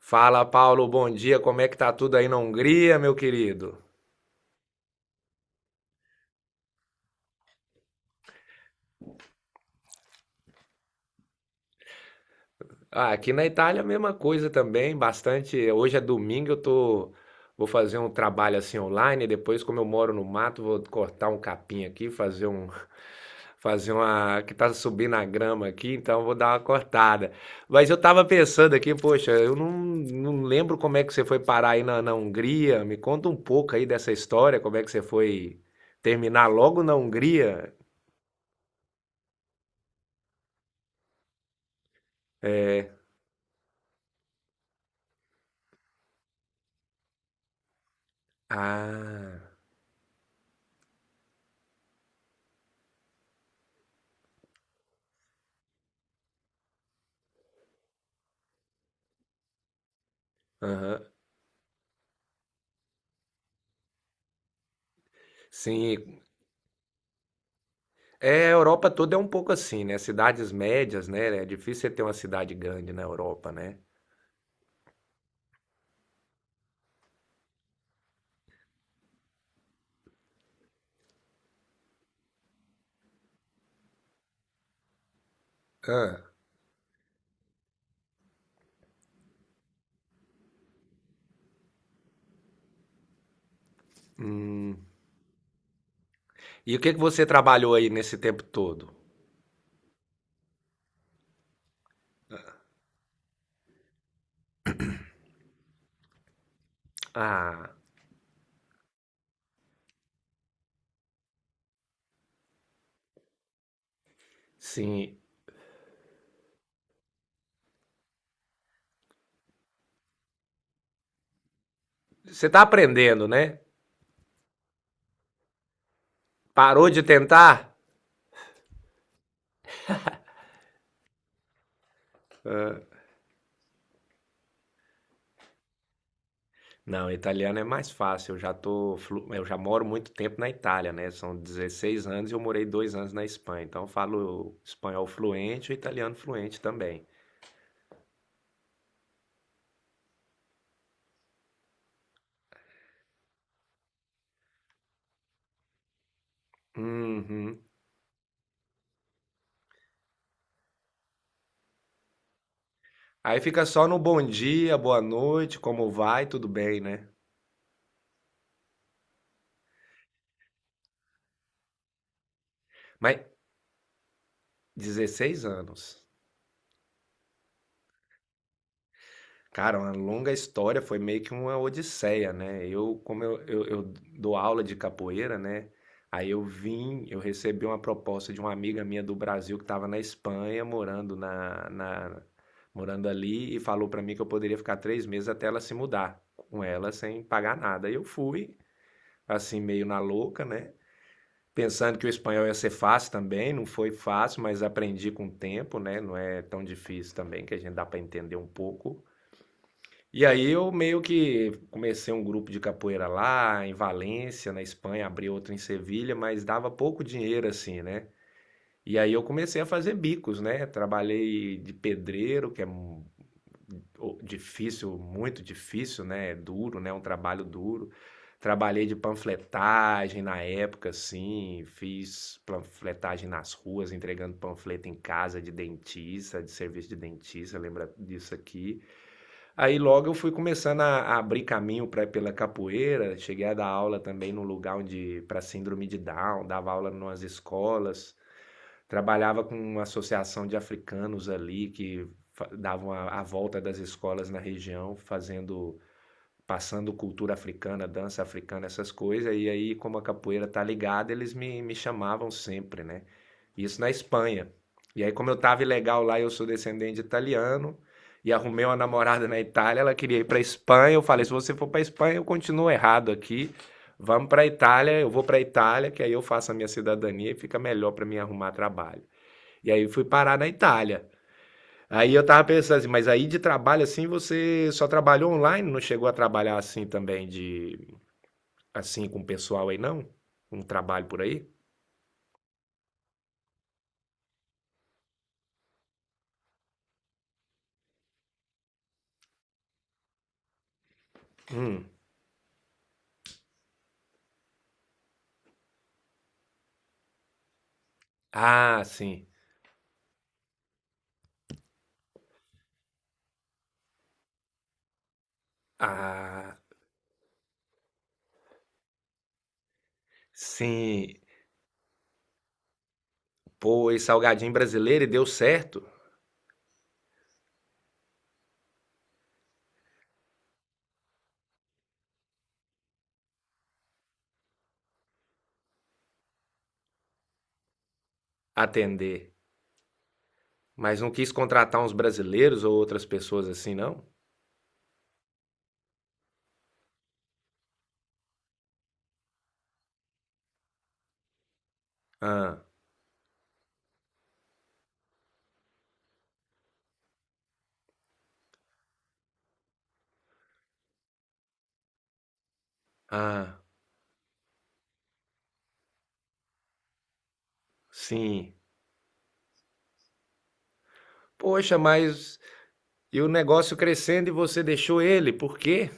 Fala, Paulo, bom dia. Como é que tá tudo aí na Hungria, meu querido? Ah, aqui na Itália a mesma coisa também, bastante. Hoje é domingo, eu tô vou fazer um trabalho assim online, depois como eu moro no mato, vou cortar um capim aqui, fazer um fazer uma que tá subindo a grama aqui, então eu vou dar uma cortada. Mas eu tava pensando aqui, poxa, eu não lembro como é que você foi parar aí na Hungria. Me conta um pouco aí dessa história, como é que você foi terminar logo na Hungria? É. Ah, aham. Sim. É, a Europa toda é um pouco assim, né? Cidades médias, né? É difícil você ter uma cidade grande na Europa, né? Ah, hum. E o que que você trabalhou aí nesse tempo todo? Ah, sim. Você tá aprendendo, né? Parou de tentar? Não, italiano é mais fácil. Eu já moro muito tempo na Itália, né? São 16 anos e eu morei 2 anos na Espanha. Então eu falo espanhol fluente e italiano fluente também. Uhum. Aí fica só no bom dia, boa noite, como vai, tudo bem, né? Mas 16 anos. Cara, uma longa história, foi meio que uma odisseia, né? Eu, como eu dou aula de capoeira, né? Aí eu recebi uma proposta de uma amiga minha do Brasil que estava na Espanha, morando ali, e falou pra mim que eu poderia ficar 3 meses até ela se mudar com ela sem pagar nada. E eu fui, assim, meio na louca, né? Pensando que o espanhol ia ser fácil também, não foi fácil, mas aprendi com o tempo, né? Não é tão difícil também, que a gente dá para entender um pouco. E aí eu meio que comecei um grupo de capoeira lá em Valência, na Espanha, abri outro em Sevilha, mas dava pouco dinheiro assim, né? E aí eu comecei a fazer bicos, né? Trabalhei de pedreiro, que é difícil, muito difícil, né? É duro, né? Um trabalho duro. Trabalhei de panfletagem na época, assim, fiz panfletagem nas ruas, entregando panfleto em casa de dentista, de serviço de dentista, lembra disso aqui. Aí logo eu fui começando a abrir caminho pela capoeira, cheguei a dar aula também num lugar onde, para síndrome de Down, dava aula em umas escolas. Trabalhava com uma associação de africanos ali que davam a volta das escolas na região, fazendo, passando cultura africana, dança africana, essas coisas. E aí, como a capoeira tá ligada, eles me chamavam sempre, né? Isso na Espanha. E aí, como eu tava ilegal lá, eu sou descendente de italiano e arrumei uma namorada na Itália, ela queria ir para Espanha. Eu falei: se você for para Espanha, eu continuo errado aqui. Vamos pra Itália, eu vou pra Itália, que aí eu faço a minha cidadania e fica melhor para mim arrumar trabalho. E aí fui parar na Itália. Aí eu tava pensando assim, mas aí de trabalho assim você só trabalhou online, não chegou a trabalhar assim também de assim com o pessoal aí não? Um trabalho por aí? Hum. Ah, sim. Ah, sim. Pô, esse salgadinho brasileiro e deu certo atender, mas não quis contratar uns brasileiros ou outras pessoas assim não? Ah, ah, sim. Poxa, mas e o negócio crescendo e você deixou ele, por quê?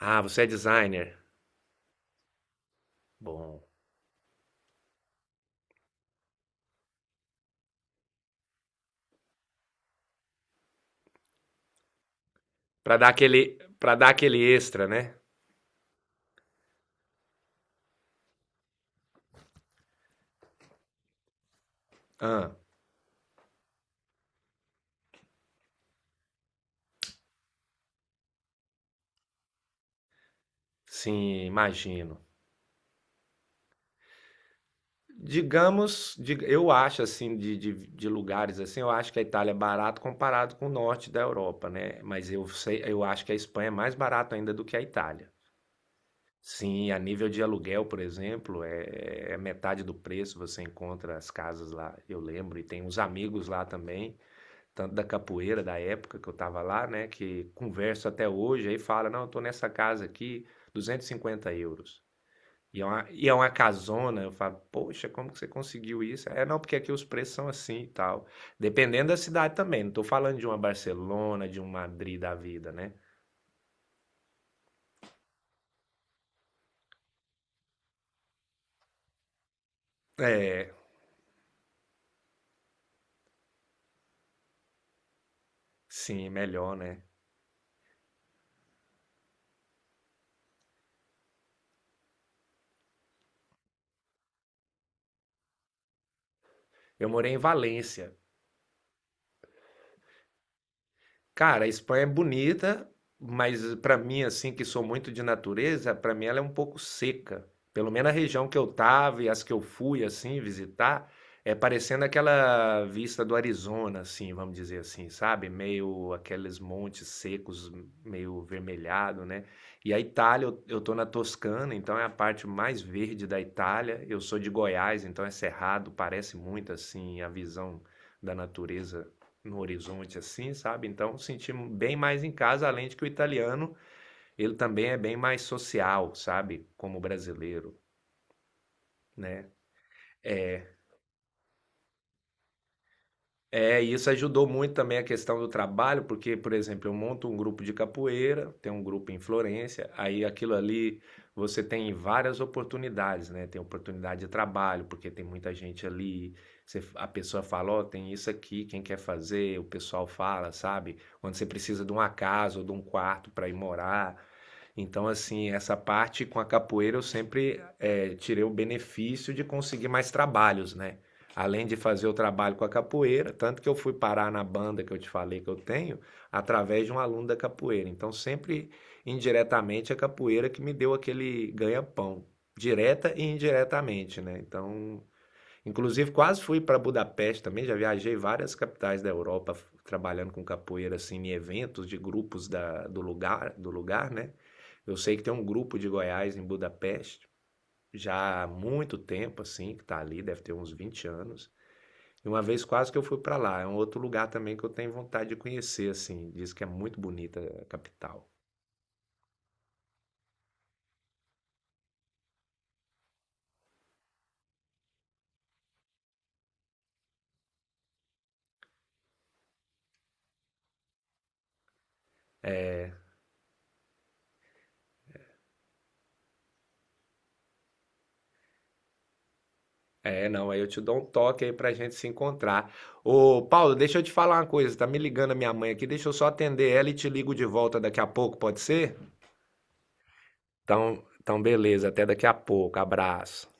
Ah, você é designer. Bom. Para dar aquele extra, né? Ah, sim, imagino. Digamos, eu acho assim, de lugares assim, eu acho que a Itália é barato comparado com o norte da Europa, né? Mas eu sei, eu acho que a Espanha é mais barato ainda do que a Itália. Sim, a nível de aluguel, por exemplo, é metade do preço, você encontra as casas lá, eu lembro, e tem uns amigos lá também tanto da capoeira da época que eu tava lá, né, que converso até hoje, aí fala, não, eu tô nessa casa aqui, 250 euros. E é uma casona, eu falo, poxa, como que você conseguiu isso? É, não, porque aqui os preços são assim e tal. Dependendo da cidade também, não tô falando de uma Barcelona, de um Madrid da vida, né? É, sim, melhor, né? Eu morei em Valência. Cara, a Espanha é bonita, mas pra mim, assim, que sou muito de natureza, pra mim ela é um pouco seca. Pelo menos a região que eu tava e as que eu fui, assim, visitar, é parecendo aquela vista do Arizona, assim, vamos dizer assim, sabe? Meio aqueles montes secos, meio vermelhado, né? E a Itália, eu tô na Toscana, então é a parte mais verde da Itália. Eu sou de Goiás, então é cerrado, parece muito, assim, a visão da natureza no horizonte assim, sabe? Então sentimos bem mais em casa, além de que o italiano, ele também é bem mais social, sabe? Como o brasileiro, né? É, e isso ajudou muito também a questão do trabalho, porque, por exemplo, eu monto um grupo de capoeira, tem um grupo em Florença, aí aquilo ali você tem várias oportunidades, né? Tem oportunidade de trabalho, porque tem muita gente ali, a pessoa fala, ó, tem isso aqui, quem quer fazer? O pessoal fala, sabe? Quando você precisa de uma casa ou de um quarto para ir morar. Então, assim, essa parte com a capoeira eu sempre tirei o benefício de conseguir mais trabalhos, né? Além de fazer o trabalho com a capoeira, tanto que eu fui parar na banda que eu te falei que eu tenho, através de um aluno da capoeira. Então, sempre indiretamente a capoeira que me deu aquele ganha-pão, direta e indiretamente, né? Então, inclusive quase fui para Budapeste também, já viajei várias capitais da Europa trabalhando com capoeira assim em eventos de grupos do lugar, né? Eu sei que tem um grupo de Goiás em Budapeste já há muito tempo assim, que está ali, deve ter uns 20 anos. E uma vez quase que eu fui para lá. É um outro lugar também que eu tenho vontade de conhecer, assim. Diz que é muito bonita a capital. É, não, aí eu te dou um toque aí pra gente se encontrar. Ô, Paulo, deixa eu te falar uma coisa. Tá me ligando a minha mãe aqui, deixa eu só atender ela e te ligo de volta daqui a pouco, pode ser? Então, beleza, até daqui a pouco. Abraço.